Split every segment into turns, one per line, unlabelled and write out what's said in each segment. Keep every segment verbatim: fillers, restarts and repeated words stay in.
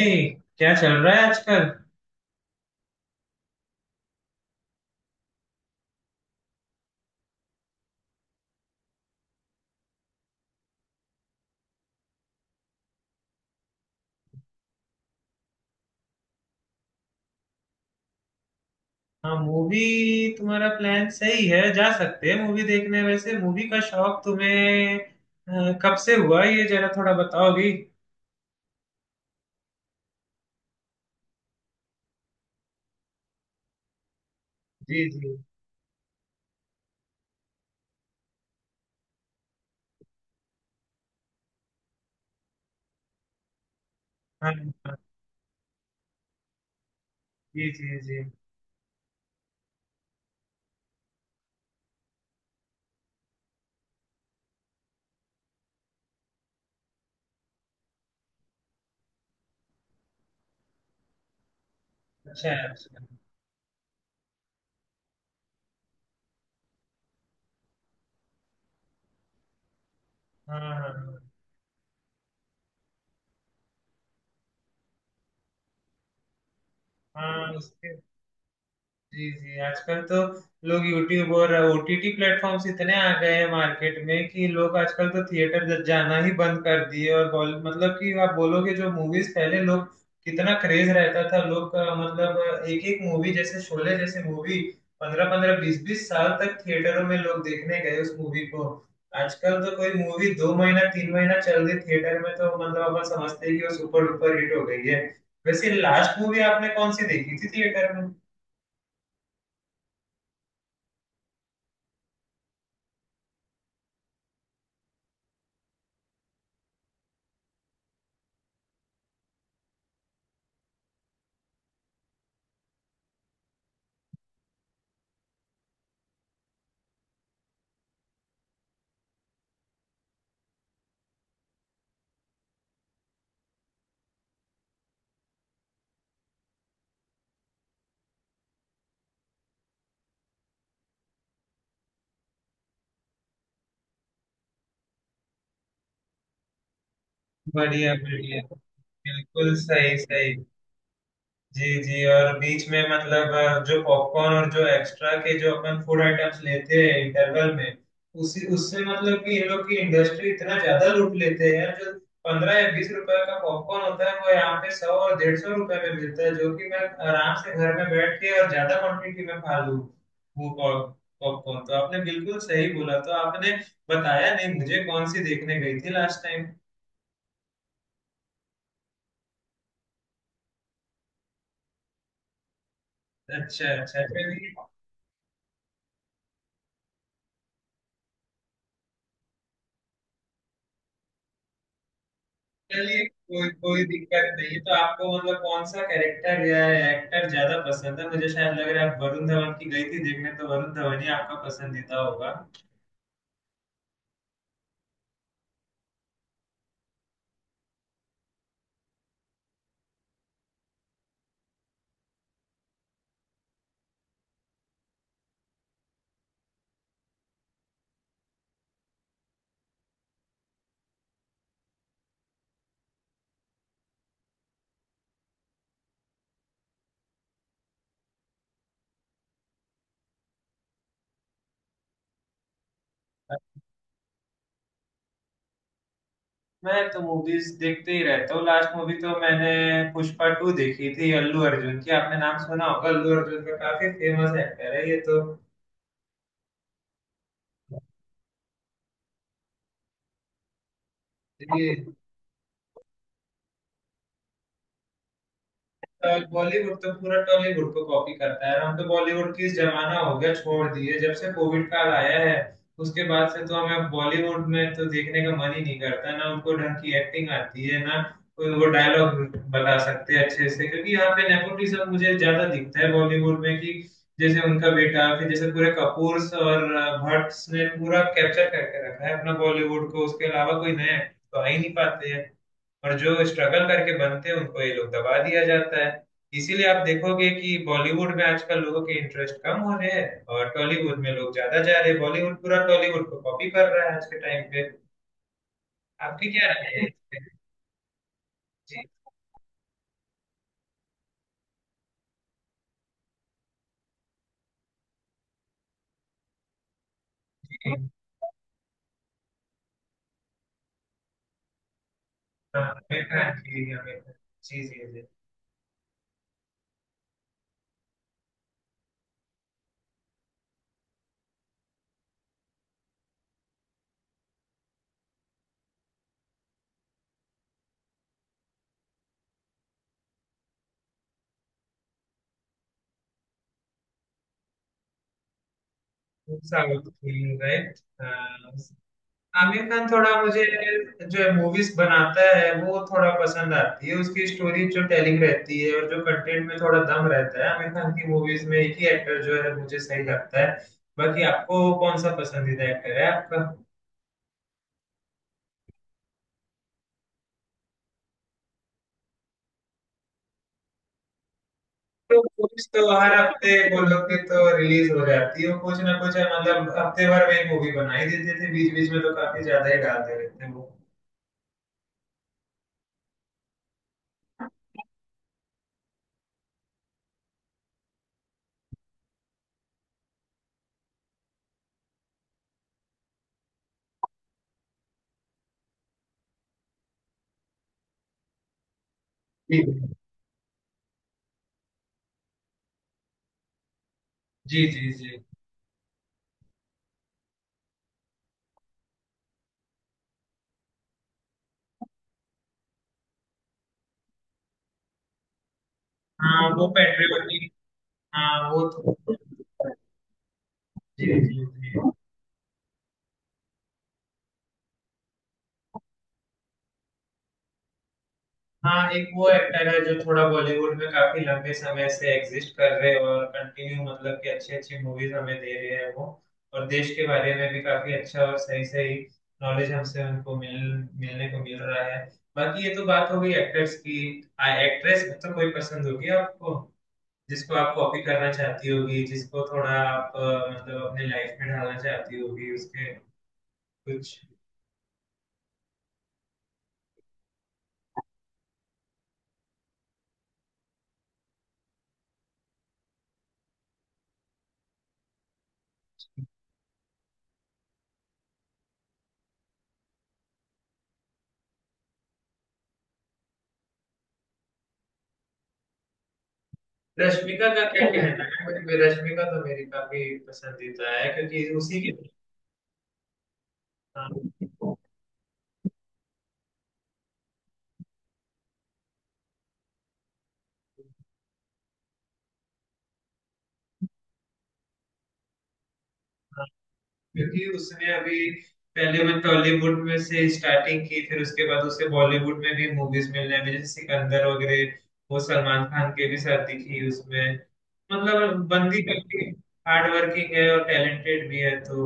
ए, क्या चल रहा है आजकल। हाँ, मूवी। तुम्हारा प्लान सही है, जा सकते हैं मूवी देखने। वैसे मूवी का शौक तुम्हें अ, कब से हुआ, ये जरा थोड़ा बताओगी। जी जी। हाँ हाँ, जी जी जी। अच्छा अच्छा। हाँ हाँ, हाँ, हाँ, जी जी। आजकल तो लोग यूट्यूब और ओटीटी प्लेटफॉर्म्स इतने आ गए हैं मार्केट में, कि लोग आजकल तो थिएटर जाना ही बंद कर दिए। और बॉल मतलब कि आप बोलोगे, जो मूवीज पहले लोग, कितना क्रेज रहता था लोग का। मतलब एक एक मूवी जैसे शोले जैसे मूवी, पंद्रह पंद्रह बीस बीस साल तक थिएटरों में लोग देखने गए उस मूवी को। आजकल तो कोई मूवी दो महीना तीन महीना चल रही थिएटर में तो, मतलब अपन समझते हैं कि वो सुपर डुपर हिट हो गई है। वैसे लास्ट मूवी आपने कौन सी देखी थी थिएटर? बढ़िया बढ़िया, बिल्कुल सही सही। जी जी। और बीच में मतलब अ, जो पॉपकॉर्न और जो एक्स्ट्रा के जो अपन फूड आइटम्स लेते हैं इंटरवल में, उसी उससे मतलब कि इन लोग की इंडस्ट्री इतना ज्यादा लूट लेते हैं। जो पंद्रह या बीस रुपए का पॉपकॉर्न होता है वो यहाँ पे सौ और डेढ़ सौ रुपए में मिलता है, जो कि मैं आराम से घर में बैठ के और ज्यादा क्वांटिटी में खा लूँ। वो पॉप- पॉपकॉर्न तो आपने बिल्कुल सही बोला। तो आपने बताया नहीं मुझे कौन सी देखने गई थी लास्ट टाइम। अच्छा अच्छा। चलिए चलिए कोई कोई दिक्कत नहीं। तो आपको मतलब कौन सा कैरेक्टर या एक्टर ज्यादा पसंद है? मुझे शायद लग रहा है आप वरुण धवन की गई थी देखने, तो वरुण धवन ही आपका पसंदीदा होगा। मैं तो मूवीज देखते ही रहता हूँ। लास्ट मूवी तो मैंने पुष्पा टू देखी थी, अल्लू अर्जुन की। आपने नाम सुना होगा अल्लू अर्जुन का, काफी फेमस एक्टर है ये तो। जी। बॉलीवुड तो पूरा टॉलीवुड को कॉपी करता है। और हम तो बॉलीवुड की जमाना हो गया, छोड़ दिए जब से कोविड काल आया है। उसके बाद से तो हमें बॉलीवुड में तो देखने का मन ही नहीं करता, ना उनको ढंग की एक्टिंग आती है, ना कोई वो डायलॉग बता सकते हैं अच्छे से। क्योंकि यहाँ पे नेपोटिज्म मुझे ज्यादा दिखता है बॉलीवुड में, कि जैसे उनका बेटा, फिर जैसे पूरे कपूर्स और भट्ट्स ने पूरा कैप्चर करके रखा है अपना बॉलीवुड को। उसके अलावा कोई नया तो आ ही नहीं पाते हैं, और जो स्ट्रगल करके बनते हैं उनको ये लोग दबा दिया जाता है। इसीलिए आप देखोगे कि बॉलीवुड में आजकल लोगों के इंटरेस्ट कम हो रहे हैं और टॉलीवुड में लोग ज्यादा जा रहे हैं। बॉलीवुड पूरा टॉलीवुड को कॉपी कर रहा है आज के टाइम पे। आपकी क्या राय है इस पे? जी जी। हाँ, आमिर खान की, आमिर खान। जी जी जी। साउथ की, राइट? आमिर खान थोड़ा मुझे जो है मूवीज बनाता है वो थोड़ा पसंद आती है, उसकी स्टोरी जो टेलिंग रहती है और जो कंटेंट में थोड़ा दम रहता है। आमिर खान की मूवीज में एक ही एक्टर जो है मुझे सही लगता है। बाकी आपको कौन सा पसंदीदा एक्टर है आपका? तो मूवीज तो हर हफ्ते बोलो कि तो रिलीज हो जाती है वो, कुछ ना कुछ है, मतलब हफ्ते भर में एक मूवी बना ही देते थे। बीच बीच में तो काफी ज्यादा ही डालते रहते हैं वो। जी जी जी जी। हाँ, वो पेट्रियोटिक। हाँ वो तो। जी जी जी। हाँ एक वो एक्टर है जो थोड़ा बॉलीवुड में काफी लंबे समय से एग्जिस्ट कर रहे हैं, और कंटिन्यू मतलब कि अच्छी अच्छी मूवीज हमें दे रहे हैं वो। और देश के बारे में भी काफी अच्छा और सही सही नॉलेज हमसे उनको मिल मिलने को मिल रहा है। बाकी ये तो बात हो गई एक्टर्स की। आ, एक्ट्रेस मतलब कोई पसंद होगी आपको, जिसको आप कॉपी करना चाहती होगी, जिसको थोड़ा आप अ, मतलब अपने लाइफ में ढालना चाहती होगी, उसके कुछ। रश्मिका का क्या कहना है? मुझे भी रश्मिका तो मेरी काफी पसंदीदा है, क्योंकि उसी की। हाँ, हाँ, क्योंकि उसने अभी पहले वो टॉलीवुड में से स्टार्टिंग की, फिर उसके बाद उसे बॉलीवुड में भी मूवीज मिलने लगी जैसे सिकंदर वगैरह। वो सलमान खान के भी साथ दिखी उसमें। मतलब बंदी काफी हार्ड वर्किंग है और टैलेंटेड भी है तो।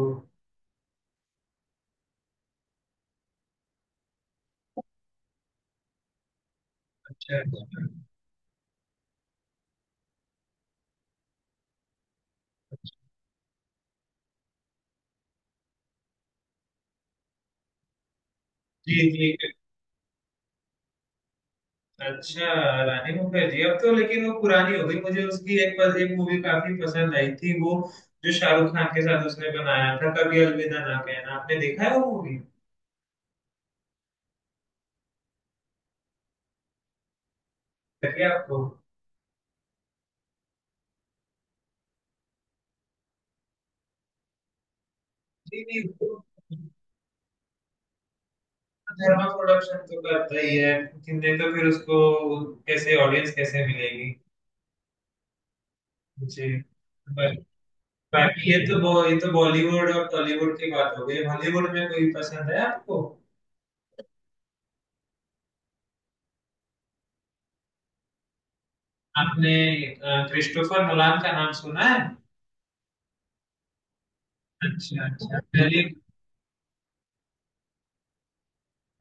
अच्छा। जी जी। अच्छा, रानी मुखर्जी अब तो लेकिन वो पुरानी हो गई। मुझे उसकी एक पर एक मूवी काफी पसंद आई थी, वो जो शाहरुख खान के साथ उसने बनाया था, कभी अलविदा ना कहना। आपने देखा है वो मूवी? लगी आपको? जी जी। वो धर्मा प्रोडक्शन तो करता ही है, लेकिन नहीं तो फिर उसको कैसे ऑडियंस कैसे मिलेगी। जी। बा- बाकी ये तो बो- ये तो बॉलीवुड और टॉलीवुड की बात हो गई। हॉलीवुड में कोई पसंद है आपको? आपने अ, क्रिस्टोफर नोलान का नाम सुना है? अच्छा अच्छा। मैंने,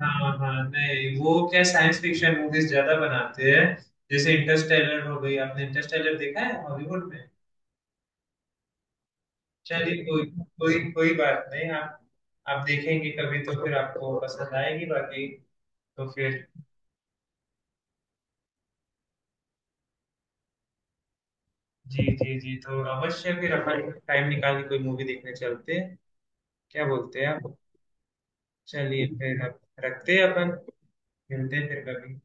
हाँ हाँ, नहीं वो क्या साइंस फिक्शन मूवीज ज्यादा बनाते हैं। जैसे इंटरस्टेलर हो गई, आपने इंटरस्टेलर देखा है हॉलीवुड में? चलिए कोई कोई कोई बात नहीं। आप आप देखेंगे कभी तो फिर आपको पसंद आएगी। बाकी तो फिर। जी जी जी। तो अवश्य फिर अपन टाइम निकाल के कोई मूवी देखने चलते हैं। क्या बोलते हैं आप? चलिए फिर, आप रखते हैं अपन, मिलते हैं फिर कभी।